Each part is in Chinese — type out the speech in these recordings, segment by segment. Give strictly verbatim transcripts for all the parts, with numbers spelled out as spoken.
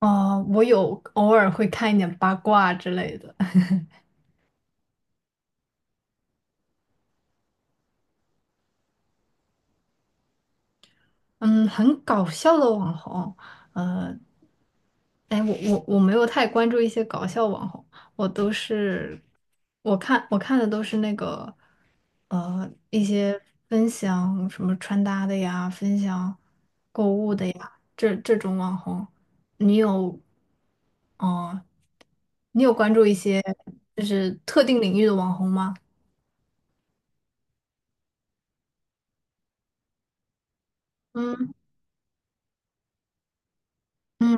哦，我有偶尔会看一点八卦之类的，嗯，很搞笑的网红。哎，我我我没有太关注一些搞笑网红，我都是我看我看的都是那个呃一些分享什么穿搭的呀，分享购物的呀，这这种网红，你有哦，你有关注一些是特定领域的网红吗？嗯嗯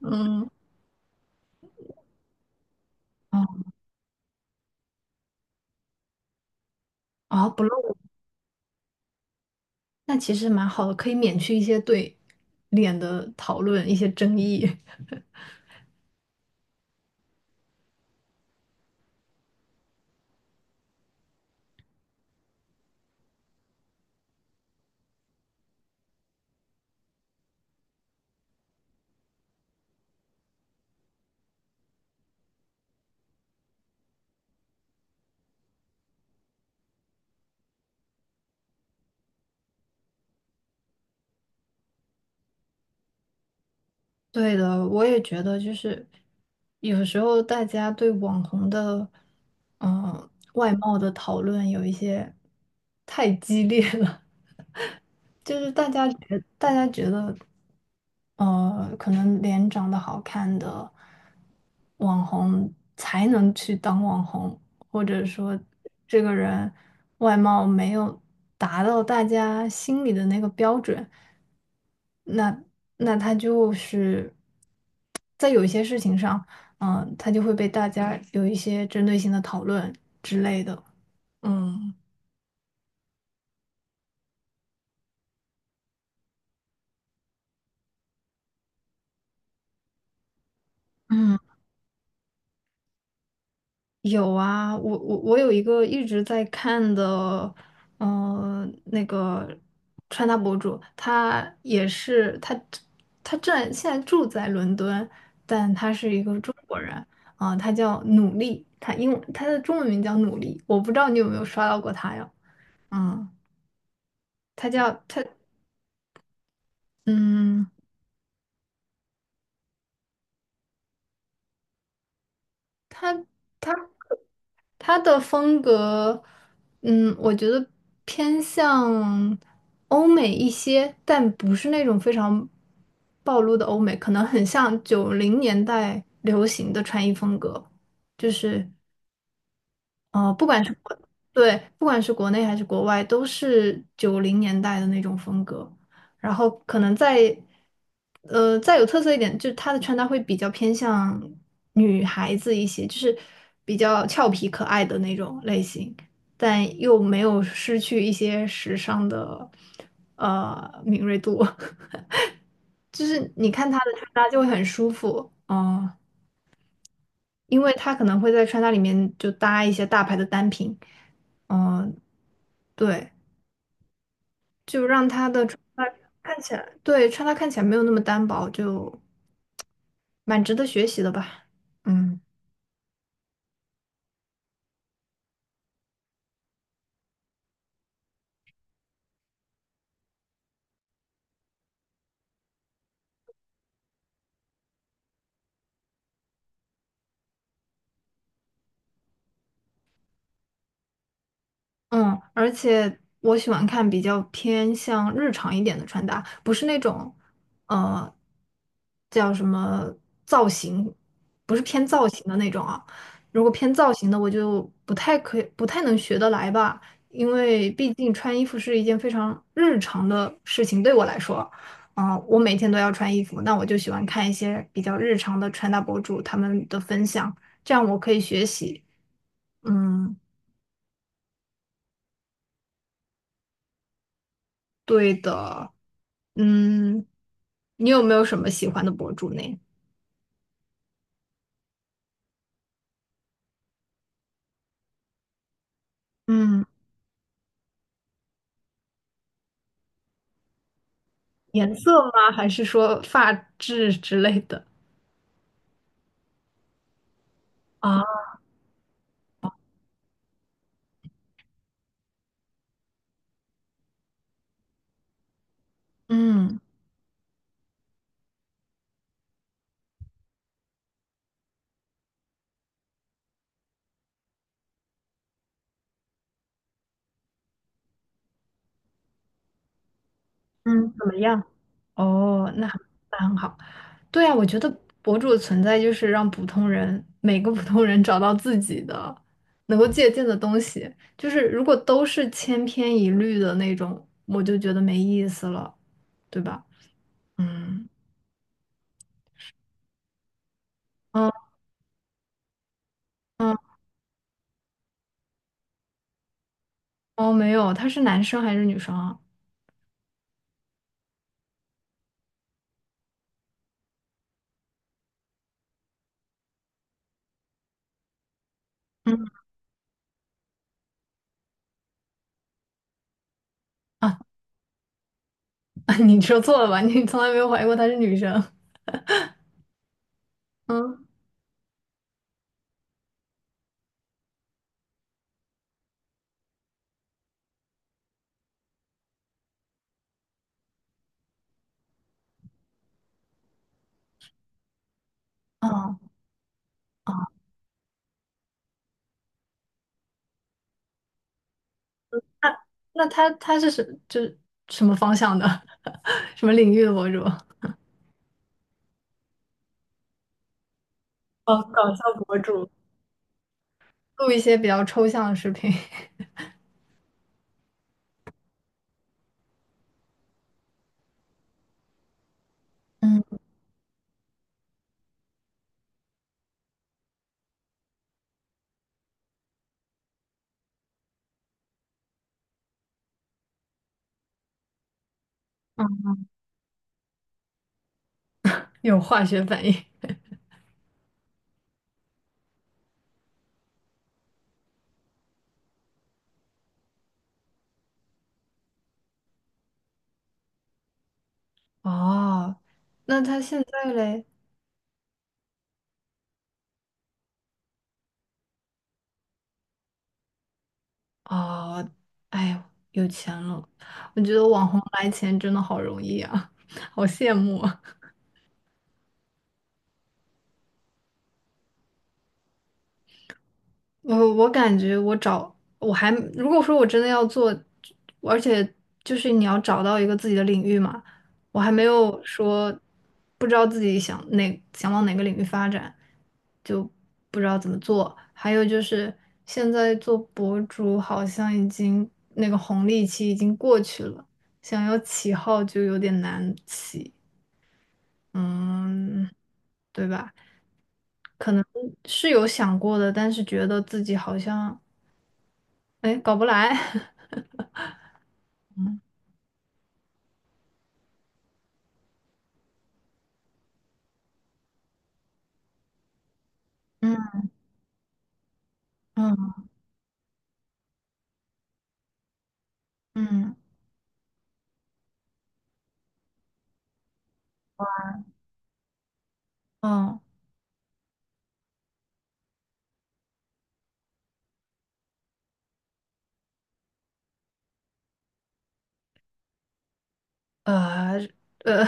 嗯，哦哦，不露。那其实蛮好的，可以免去一些对脸的讨论，一些争议。对的，我也觉得就是有时候大家对网红的嗯、呃外貌的讨论有一些太激烈了。就是大家觉大家觉得，呃，可能脸长得好看的网红才能去当网红，或者说这个人外貌没有达到大家心里的那个标准，那那他就是在有一些事情上，嗯、他就会被大家有一些针对性的讨论之类的，嗯。有啊，我我我有一个一直在看的，嗯，那个穿搭博主，他也是他他正现在住在伦敦，但他是一个中国人啊，他叫努力，他英文他的中文名叫努力，我不知道你有没有刷到过他呀？嗯，他叫他嗯。他他他的风格，嗯，我觉得偏向欧美一些，但不是那种非常暴露的欧美，可能很像九零年代流行的穿衣风格，就是呃，不管是国对，不管是国内还是国外，都是九零年代的那种风格。然后可能再呃再有特色一点，就是她的穿搭会比较偏向女孩子一些，就是比较俏皮可爱的那种类型，但又没有失去一些时尚的呃敏锐度。就是你看她的穿搭就会很舒服，嗯、因为她可能会在穿搭里面就搭一些大牌的单品。嗯，对，就让他的穿搭看起来，对，穿搭看起来没有那么单薄，就蛮值得学习的吧。嗯。嗯，而且我喜欢看比较偏向日常一点的穿搭，不是那种，呃，叫什么造型，不是偏造型的那种啊。如果偏造型的，我就不太可以，不太能学得来吧，因为毕竟穿衣服是一件非常日常的事情，对我来说，啊、我每天都要穿衣服，那我就喜欢看一些比较日常的穿搭博主他们的分享，这样我可以学习。嗯。对的，嗯，你有没有什么喜欢的博主呢？嗯颜色吗？还是说发质之类的？啊，嗯嗯，怎么样？哦，那那很好。对啊，我觉得博主的存在就是让普通人，每个普通人找到自己的能够借鉴的东西。就是如果都是千篇一律的那种，我就觉得没意思了，对吧？嗯嗯嗯，哦，没有，他是男生还是女生啊？嗯。啊，你说错了吧？你从来没有怀疑过她是女生。嗯，哦哦，那她她是什就是什么方向的，什么领域的博主？哦，搞笑博主，录一些比较抽象的视频，嗯，有化学反应。哦，那他现在嘞？哦，哎呦，有钱了。我觉得网红来钱真的好容易啊，好羡慕啊。我我感觉我找我还如果说我真的要做，而且就是你要找到一个自己的领域嘛，我还没有说不知道自己想哪想往哪个领域发展，就不知道怎么做。还有就是现在做博主好像已经那个红利期已经过去了，想要起号就有点难起，嗯，对吧？可能是有想过的，但是觉得自己好像。哎，搞不来，嗯嗯嗯哦，呃呃，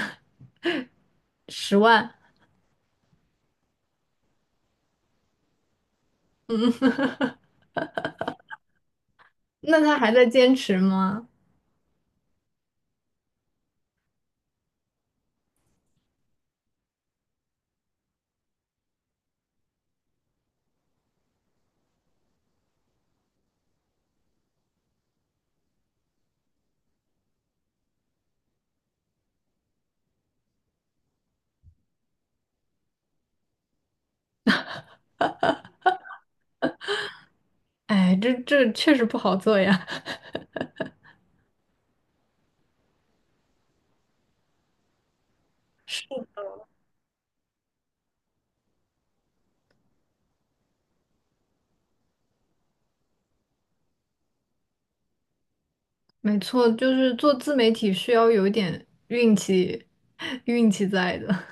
十万，嗯，那他还在坚持吗？哎，这这确实不好做呀。没错，就是做自媒体需要有一点运气，运气在的，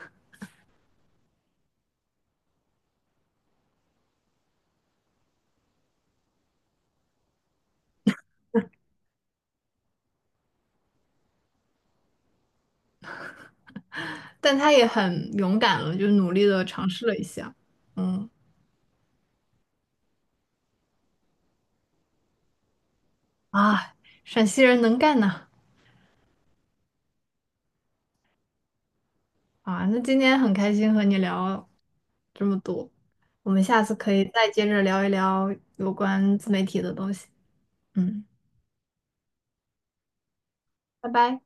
但他也很勇敢了，就努力的尝试了一下。嗯啊，陕西人能干呐。啊，那今天很开心和你聊这么多，我们下次可以再接着聊一聊有关自媒体的东西。嗯，拜拜。